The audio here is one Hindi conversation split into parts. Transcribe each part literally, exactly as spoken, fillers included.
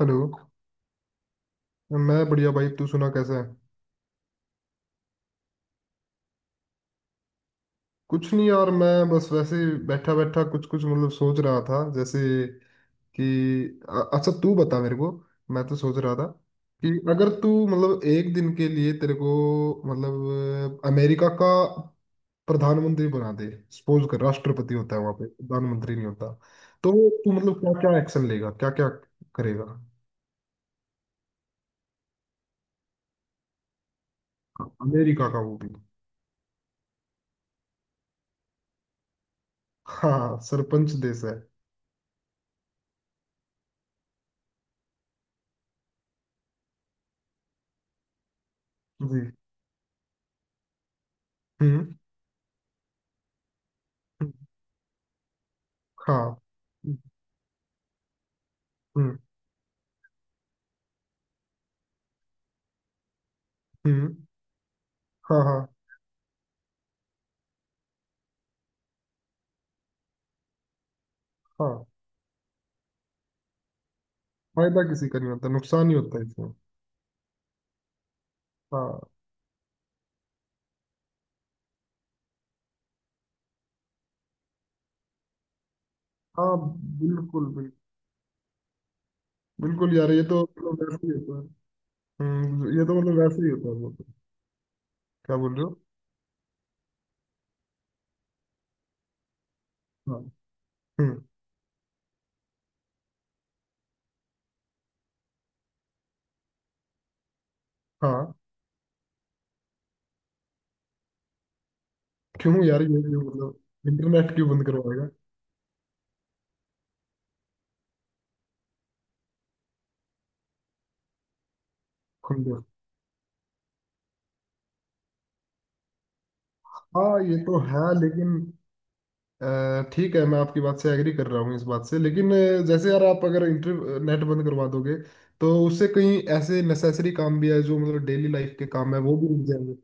हेलो। मैं बढ़िया भाई, तू सुना कैसा है? कुछ नहीं यार, मैं बस वैसे बैठा बैठा कुछ कुछ मतलब सोच रहा था जैसे कि अ- अच्छा तू बता मेरे को। मैं तो सोच रहा था कि अगर तू मतलब एक दिन के लिए तेरे को मतलब अमेरिका का प्रधानमंत्री बना दे, सपोज कर राष्ट्रपति होता है वहां पे, प्रधानमंत्री नहीं होता, तो तू मतलब क्या क्या एक्शन लेगा, क्या क्या करेगा? अमेरिका का, वो भी। हाँ, सरपंच देश है। जी। हम्म। हाँ। हम्म। हम्म। हाँ हाँ हाँ। फायदा किसी का नहीं होता, नुकसान ही होता है इसमें। हाँ हाँ। बिल्कुल बिल्कुल। बिल्कुल यार, ये तो मतलब वैसे ही होता है। हम्म, ये तो मतलब वैसे ही होता है वो तो। क्या बोल रहे हो? हाँ। हम्म। हाँ। क्यों यार? ये ये मतलब इंटरनेट क्यों बंद करवाएगा? खुद। हाँ ये तो है, लेकिन अ, ठीक है, मैं आपकी बात से एग्री कर रहा हूँ इस बात से, लेकिन अ, जैसे यार, आप अगर इंटर नेट बंद करवा दोगे तो उससे कहीं ऐसे नेसेसरी काम भी है जो मतलब डेली लाइफ के काम है वो भी रुक जाएंगे।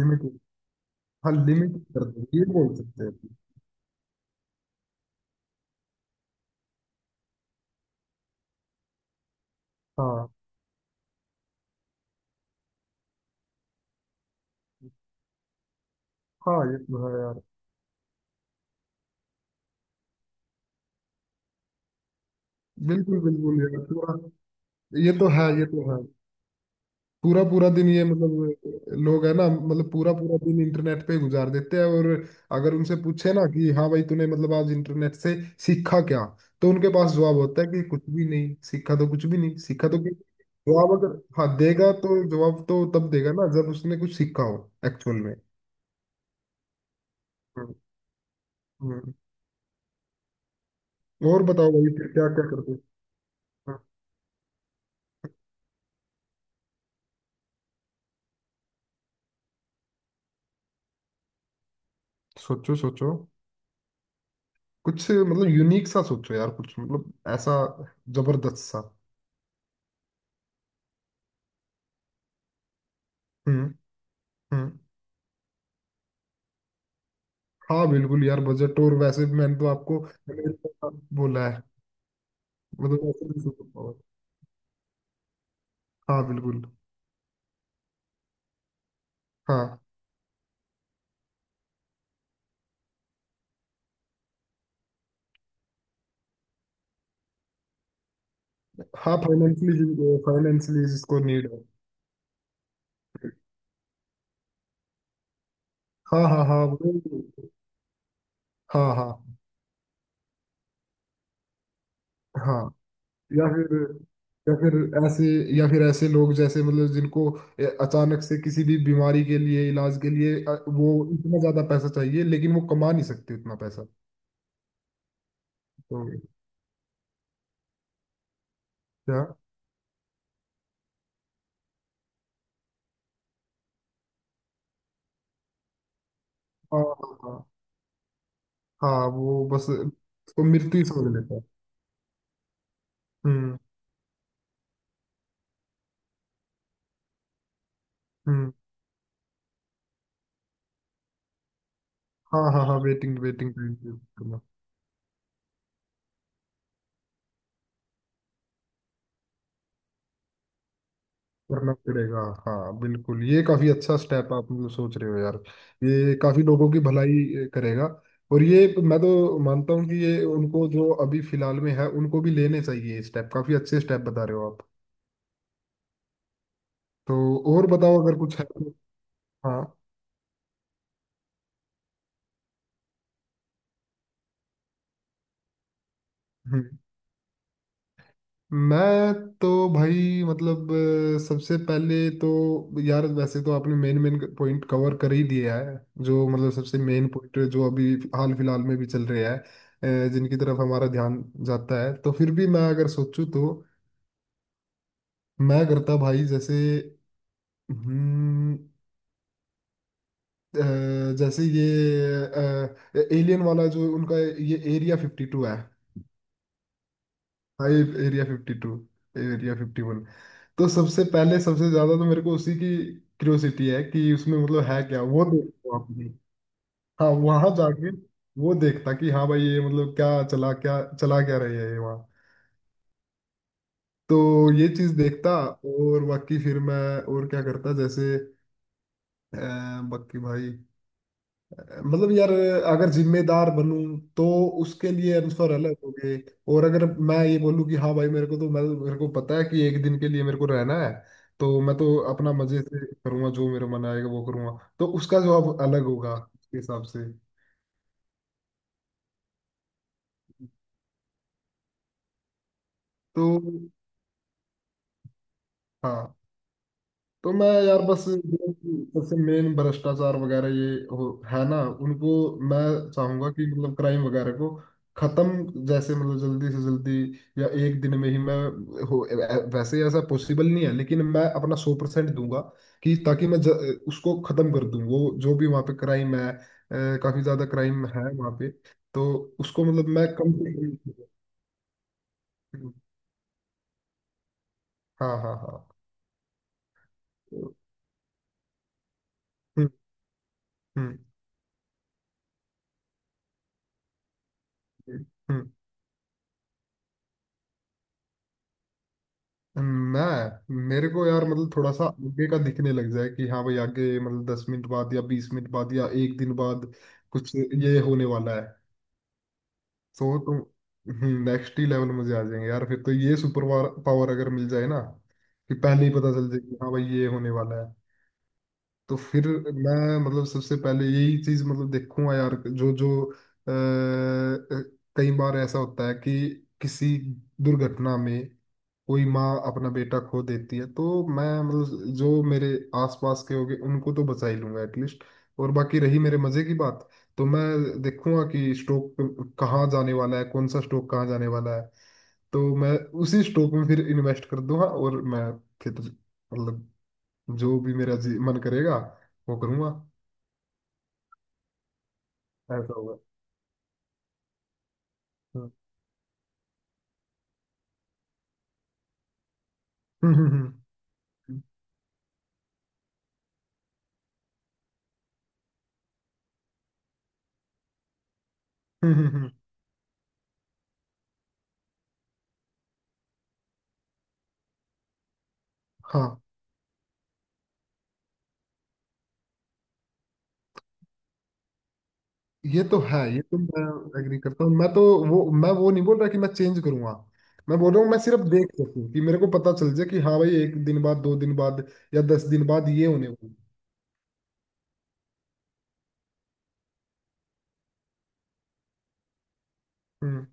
लिमिट। हाँ लिमिट कर दो, ये बोल सकते हैं। हाँ। हाँ ये तो है यार। बिल्कुल बिल्कुल यार, पूरा। ये तो है, ये तो है। पूरा पूरा दिन ये मतलब लोग है ना, मतलब पूरा पूरा दिन इंटरनेट पे गुजार देते हैं। और अगर उनसे पूछे ना कि हाँ भाई, तूने मतलब आज इंटरनेट से सीखा क्या, तो उनके पास जवाब होता है कि कुछ भी नहीं सीखा, तो कुछ भी नहीं सीखा तो क्या? जवाब अगर हाँ देगा तो जवाब तो तब देगा ना जब उसने कुछ सीखा हो एक्चुअल में। हम्म, हम्म। और बताओ भाई, फिर क्या क्या करते हो? हाँ। सोचो सोचो, कुछ मतलब यूनिक सा सोचो यार, कुछ मतलब ऐसा जबरदस्त सा। हम्म। हम्म। हाँ बिल्कुल यार, बजट टूर वैसे भी मैंने तो आपको बोला है, मतलब वैसे भी superpower। हाँ बिल्कुल। हाँ हाँ, फाइनेंशियली फाइनेंशियली जिसको नीड है। हाँ हाँ हाँ वो-। हाँ हाँ हाँ। या फिर, या फिर ऐसे, या फिर ऐसे लोग जैसे मतलब जिनको ए, अचानक से किसी भी बीमारी के लिए इलाज के लिए अ, वो इतना ज्यादा पैसा चाहिए लेकिन वो कमा नहीं सकते इतना पैसा तो क्या। हाँ हाँ हाँ। हाँ, वो बस उसको मृत्यु ही समझ लेता है। हम्म। हम्म। हाँ हाँ हाँ, वेटिंग वेटिंग टाइम करना। करना पड़ेगा। हाँ बिल्कुल, ये काफी अच्छा स्टेप आप मतलब सोच रहे हो यार। ये काफी लोगों की भलाई करेगा। और ये मैं तो मानता हूँ कि ये उनको जो अभी फिलहाल में है उनको भी लेने चाहिए ये स्टेप, काफी अच्छे स्टेप बता रहे हो आप। तो, और बताओ अगर कुछ है तो। हाँ। हम्म। मैं तो, भाई मतलब अ, सबसे पहले तो यार, वैसे तो आपने मेन मेन पॉइंट कवर कर ही दिया है, जो मतलब सबसे मेन पॉइंट जो अभी हाल फिलहाल में भी चल रहा है, अ, जिनकी तरफ हमारा ध्यान जाता है, तो फिर भी मैं अगर सोचूं तो, मैं करता भाई जैसे, हम्म, अ, जैसे ये एलियन वाला, जो उनका ये एरिया फिफ्टी टू है। Five, area fifty two. Area fifty one. तो सबसे पहले, सबसे ज्यादा तो मेरे को उसी की क्यूरियोसिटी है कि उसमें मतलब है क्या, वो देखो आपने। हाँ, वहां जाके वो देखता कि हाँ भाई, ये मतलब क्या चला, क्या चला क्या रही है ये वहाँ। तो ये चीज देखता। और बाकी फिर मैं और क्या करता जैसे, अ, बाकी भाई मतलब यार, अगर जिम्मेदार बनूं तो उसके लिए आंसर अलग हो गए। और अगर मैं ये बोलूं कि हाँ भाई, मेरे को तो मैं, मेरे को पता है कि एक दिन के लिए मेरे को रहना है, तो मैं तो अपना मजे से करूंगा, जो मेरा मन आएगा वो करूंगा, तो उसका जवाब अलग होगा उसके हिसाब से। तो हाँ। तो मैं यार बस, जो सबसे मेन भ्रष्टाचार वगैरह ये हो है ना, उनको मैं चाहूंगा कि मतलब क्राइम वगैरह को खत्म जैसे मतलब जल्दी से जल्दी, या एक दिन में ही मैं हो, वैसे ऐसा पॉसिबल नहीं है लेकिन मैं अपना सौ परसेंट दूंगा कि ताकि मैं ज, उसको खत्म कर दूं, वो जो भी वहाँ पे क्राइम है, अ, काफी ज्यादा क्राइम है वहाँ पे। तो उसको मतलब मैं कम से कम। हाँ हाँ हाँ। तो, हम्म हम्म हम्म हम्म। मैं, मेरे को यार मतलब थोड़ा सा आगे का दिखने लग जाए कि हाँ भाई आगे मतलब दस मिनट बाद या बीस मिनट बाद या एक दिन बाद कुछ ये होने वाला है। तो तुम, नेक्स्ट ही लेवल मुझे आ जाएंगे यार फिर तो, ये सुपर पावर अगर मिल जाए ना कि पहले ही पता चल जाए कि हाँ भाई ये होने वाला है, तो फिर मैं मतलब सबसे पहले यही चीज मतलब देखूंगा यार, जो जो अ, अ, कई बार ऐसा होता है कि किसी दुर्घटना में कोई माँ अपना बेटा खो देती है, तो मैं मतलब जो मेरे आसपास के होंगे उनको तो बचा ही लूंगा एटलीस्ट। और बाकी रही मेरे मजे की बात, तो मैं देखूंगा कि स्टॉक कहाँ जाने वाला है, कौन सा स्टॉक कहाँ जाने वाला है, तो मैं उसी स्टॉक में फिर इन्वेस्ट कर दूंगा, और मैं फिर मतलब जो भी मेरा जी- मन करेगा वो करूंगा। ऐसा होगा। हाँ। हम्म। हम्म, हम्म, हम्म, हम्म, हम्म। हाँ ये तो है, ये तो मैं एग्री करता हूँ, मैं तो वो, मैं वो नहीं बोल रहा कि मैं चेंज करूंगा, मैं बोल रहा हूँ मैं सिर्फ देख सकूँ कि मेरे को पता चल जाए कि हाँ भाई एक दिन बाद, दो दिन बाद या दस दिन बाद ये होने वाला है। हम्म।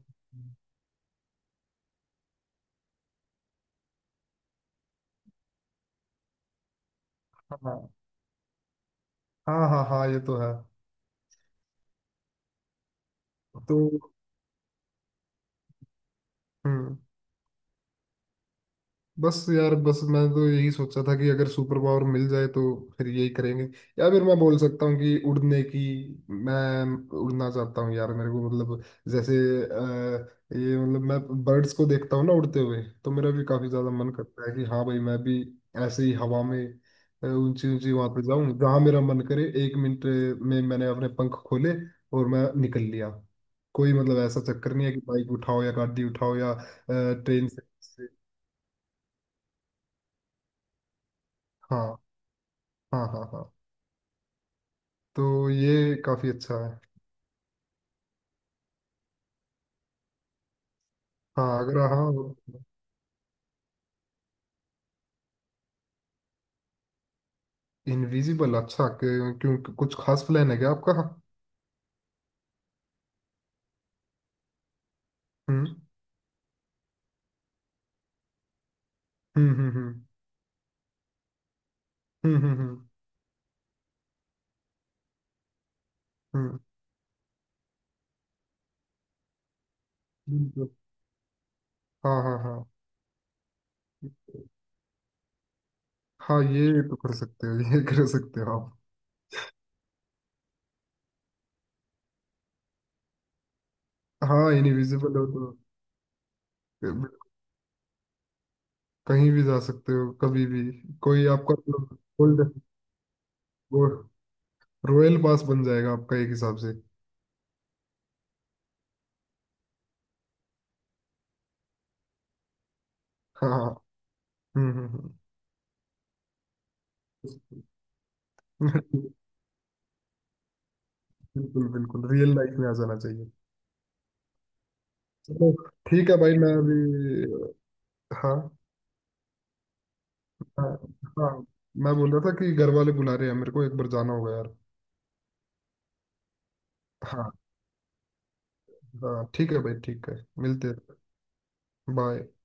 हाँ हाँ हाँ हाँ हाँ, ये तो है। तो, हम्म। बस यार, बस मैं तो यही सोचा था कि अगर सुपर पावर मिल जाए तो फिर यही करेंगे। या फिर मैं बोल सकता हूँ कि उड़ने की, मैं उड़ना चाहता हूँ यार मेरे को मतलब, जैसे अ, ये मतलब, मैं बर्ड्स को देखता हूँ ना उड़ते हुए, तो मेरा भी काफी ज्यादा मन करता है कि हाँ भाई मैं भी ऐसे ही हवा में अ, ऊंची ऊंची वहां पे जाऊं जहां मेरा मन करे, एक मिनट में मैंने अपने पंख खोले और मैं निकल लिया। कोई मतलब ऐसा चक्कर नहीं है कि बाइक उठाओ या गाड़ी उठाओ या ट्रेन से से- हाँ हाँ हाँ हाँ। तो ये काफी अच्छा है। हाँ अगर हाँ। इनविजिबल, अच्छा क्यों? क्यों- कुछ खास प्लान है क्या आपका? हम्म हम्म हम्म हम्म हम्म हम्म हम्म, हम्म, बिल्कुल। हाँ हाँ हाँ। हाँ ये तो कर सकते हो, ये कर सकते हो आप। हाँ, इनविजिबल हो तो कहीं भी जा सकते हो, कभी भी। कोई आपका गोल्ड, रॉयल पास बन जाएगा आपका एक हिसाब से। हाँ हाँ। हम्म हम्म हम्म बिल्कुल बिल्कुल, रियल लाइफ में आ जाना चाहिए। चलो ठीक है भाई, मैं अभी। हाँ हाँ हाँ। मैं बोल रहा था कि घर वाले बुला रहे हैं मेरे को, एक बार जाना होगा यार। हाँ हाँ ठीक है भाई ठीक है। मिलते हैं। बाय।